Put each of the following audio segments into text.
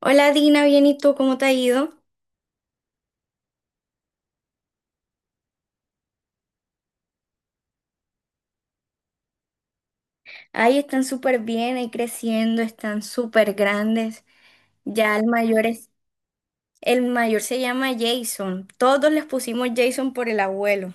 Hola Dina, bien, ¿y tú cómo te ha ido? Ahí están súper bien, ahí creciendo, están súper grandes. Ya el mayor es, el mayor se llama Jason. Todos les pusimos Jason por el abuelo.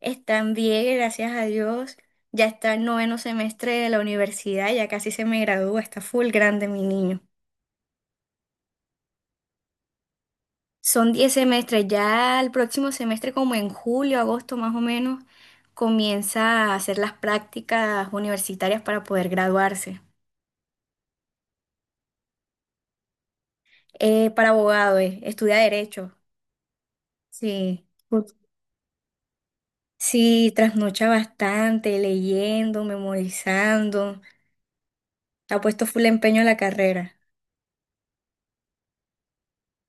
Están bien, gracias a Dios. Ya está en noveno semestre de la universidad, ya casi se me gradúa, está full grande mi niño. Son 10 semestres, ya el próximo semestre, como en julio, agosto más o menos, comienza a hacer las prácticas universitarias para poder graduarse. Para abogado, estudia derecho. Sí. Sí, trasnocha bastante, leyendo, memorizando. Ha puesto full empeño a la carrera.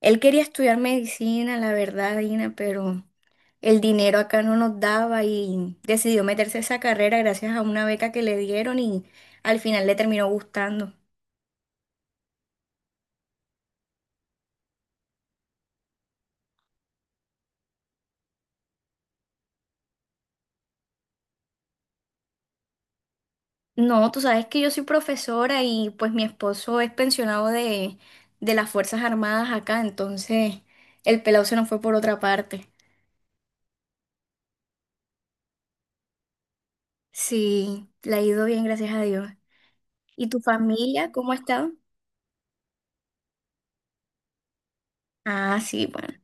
Él quería estudiar medicina, la verdad, Dina, pero el dinero acá no nos daba y decidió meterse a esa carrera gracias a una beca que le dieron y al final le terminó gustando. No, tú sabes que yo soy profesora y pues mi esposo es pensionado de las Fuerzas Armadas acá, entonces el pelado se nos fue por otra parte. Sí, la ha ido bien, gracias a Dios. ¿Y tu familia, cómo ha estado? Ah, sí, bueno.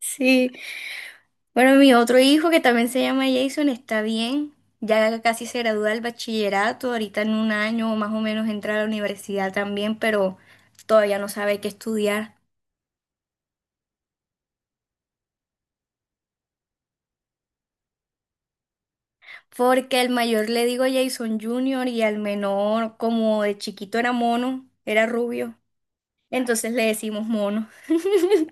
Sí, bueno, mi otro hijo que también se llama Jason está bien, ya casi se gradúa del bachillerato, ahorita en un año más o menos entra a la universidad también, pero todavía no sabe qué estudiar. Porque el mayor le digo Jason Junior y al menor, como de chiquito era mono, era rubio, entonces le decimos mono.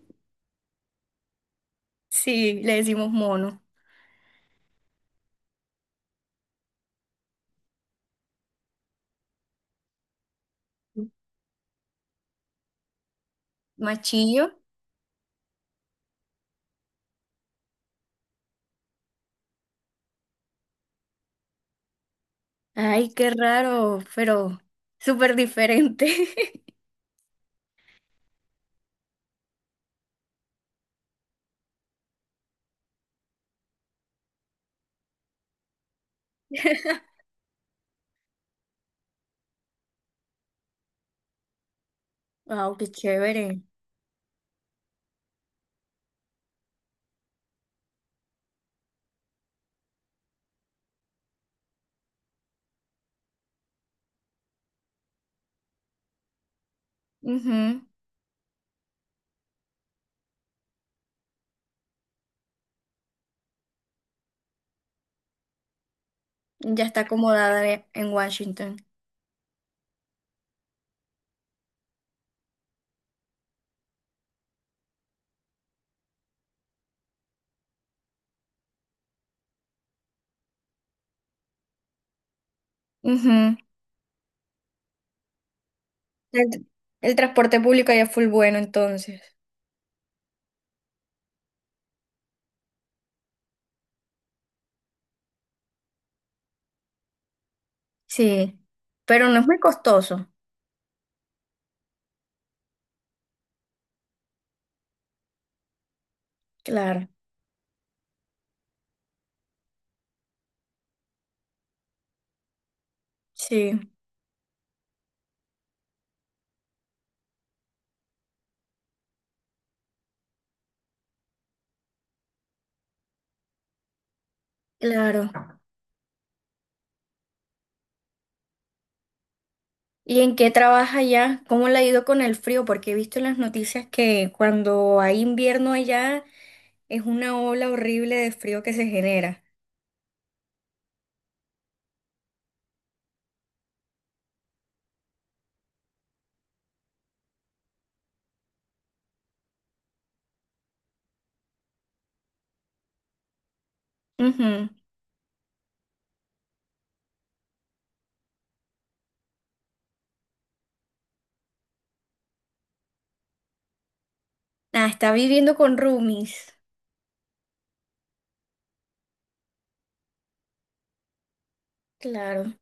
Sí, le decimos mono. Machillo. Ay, qué raro, pero súper diferente. Wow, qué chévere. Ujú. Ya está acomodada en Washington. Ujú. El, el transporte público ya es full bueno entonces. Sí, pero no es muy costoso. Claro, sí, claro. ¿Y en qué trabaja allá? ¿Cómo le ha ido con el frío? Porque he visto en las noticias que cuando hay invierno allá es una ola horrible de frío que se genera. Ujú. Ah, está viviendo con roomies. Claro.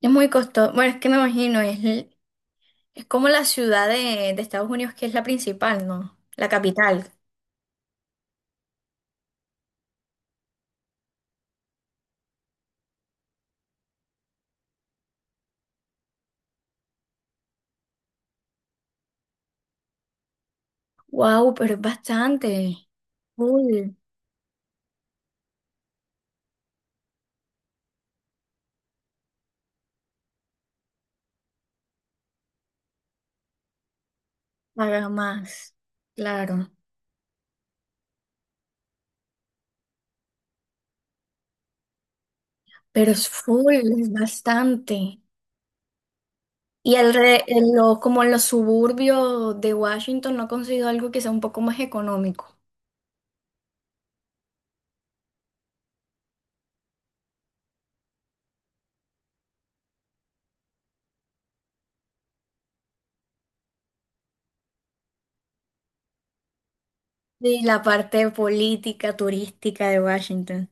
Es muy costoso. Bueno, es que me imagino, es como la ciudad de Estados Unidos que es la principal, ¿no? La capital. Wow, pero es bastante. Full. Paga más. Claro. Pero es full, es bastante. Y el re- en lo- como en los suburbios de Washington no he conseguido algo que sea un poco más económico. Y la parte política, turística de Washington.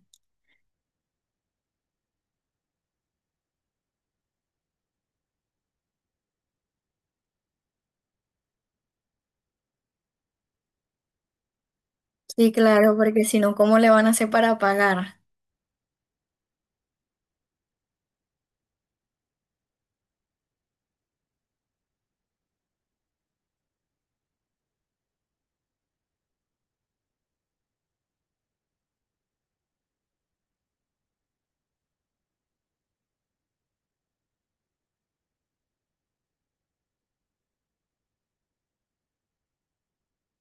Sí, claro, porque si no, ¿cómo le van a hacer para pagar?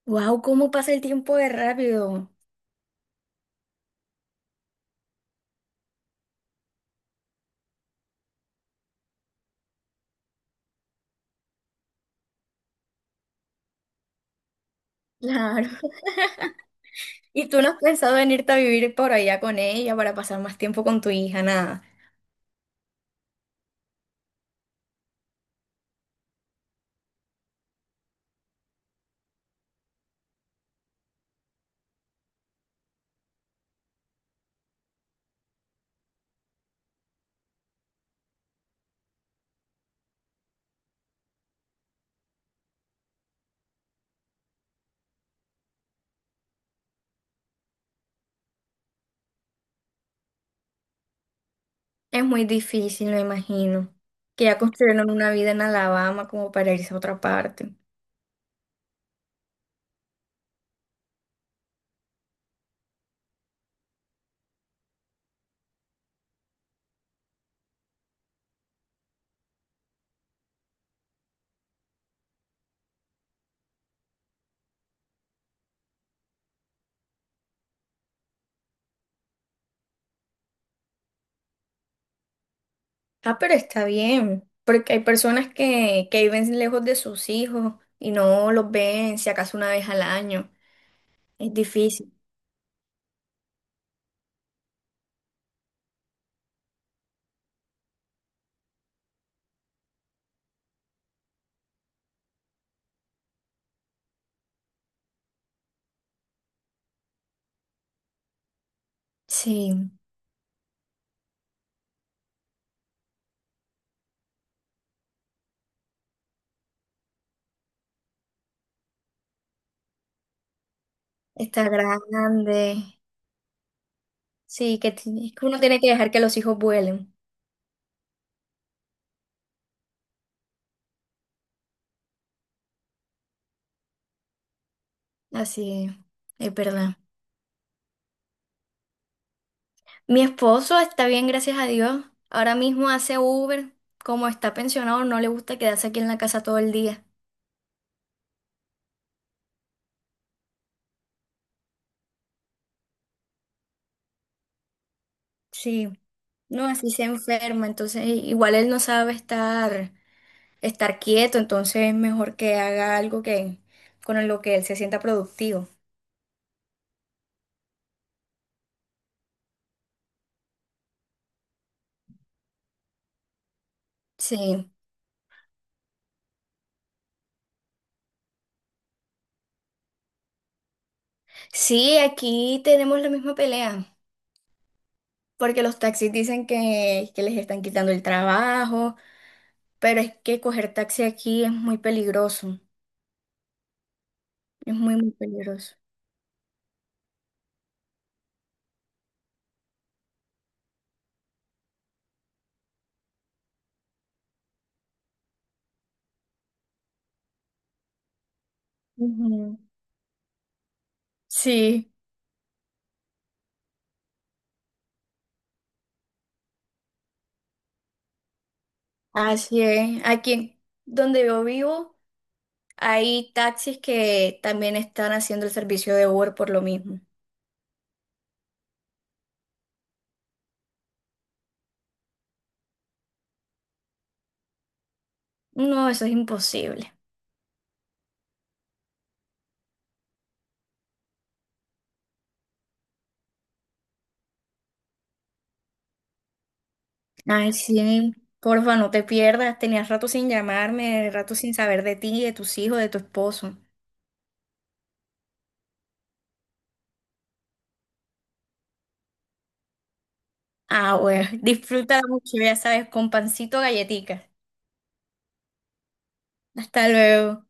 ¡Wow! ¿Cómo pasa el tiempo de rápido? Claro. ¿Y tú no has pensado en irte a vivir por allá con ella para pasar más tiempo con tu hija? Nada. Es muy difícil, me imagino. Que ya construyeron una vida en Alabama como para irse a otra parte. Ah, pero está bien, porque hay personas que viven lejos de sus hijos y no los ven si acaso una vez al año. Es difícil. Sí, está grande. Sí, es que uno tiene que dejar que los hijos vuelen. Así es verdad. Mi esposo está bien, gracias a Dios. Ahora mismo hace Uber. Como está pensionado, no le gusta quedarse aquí en la casa todo el día. Sí, no, así se enferma. Entonces, igual él no sabe Estar. Quieto, entonces es mejor que haga algo que con lo que él se sienta productivo. Sí, sí, aquí tenemos la misma pelea, porque los taxis dicen que les están quitando el trabajo, pero es que coger taxi aquí es muy peligroso, es muy, muy peligroso. Ujú. Sí, así es. Aquí donde yo vivo hay taxis que también están haciendo el servicio de Uber por lo mismo. No, eso es imposible. Ay, sí, porfa, no te pierdas. Tenías rato sin llamarme, rato sin saber de ti, de tus hijos, de tu esposo. Ah, bueno, disfruta mucho, ya sabes, con pancito galletica. Hasta luego.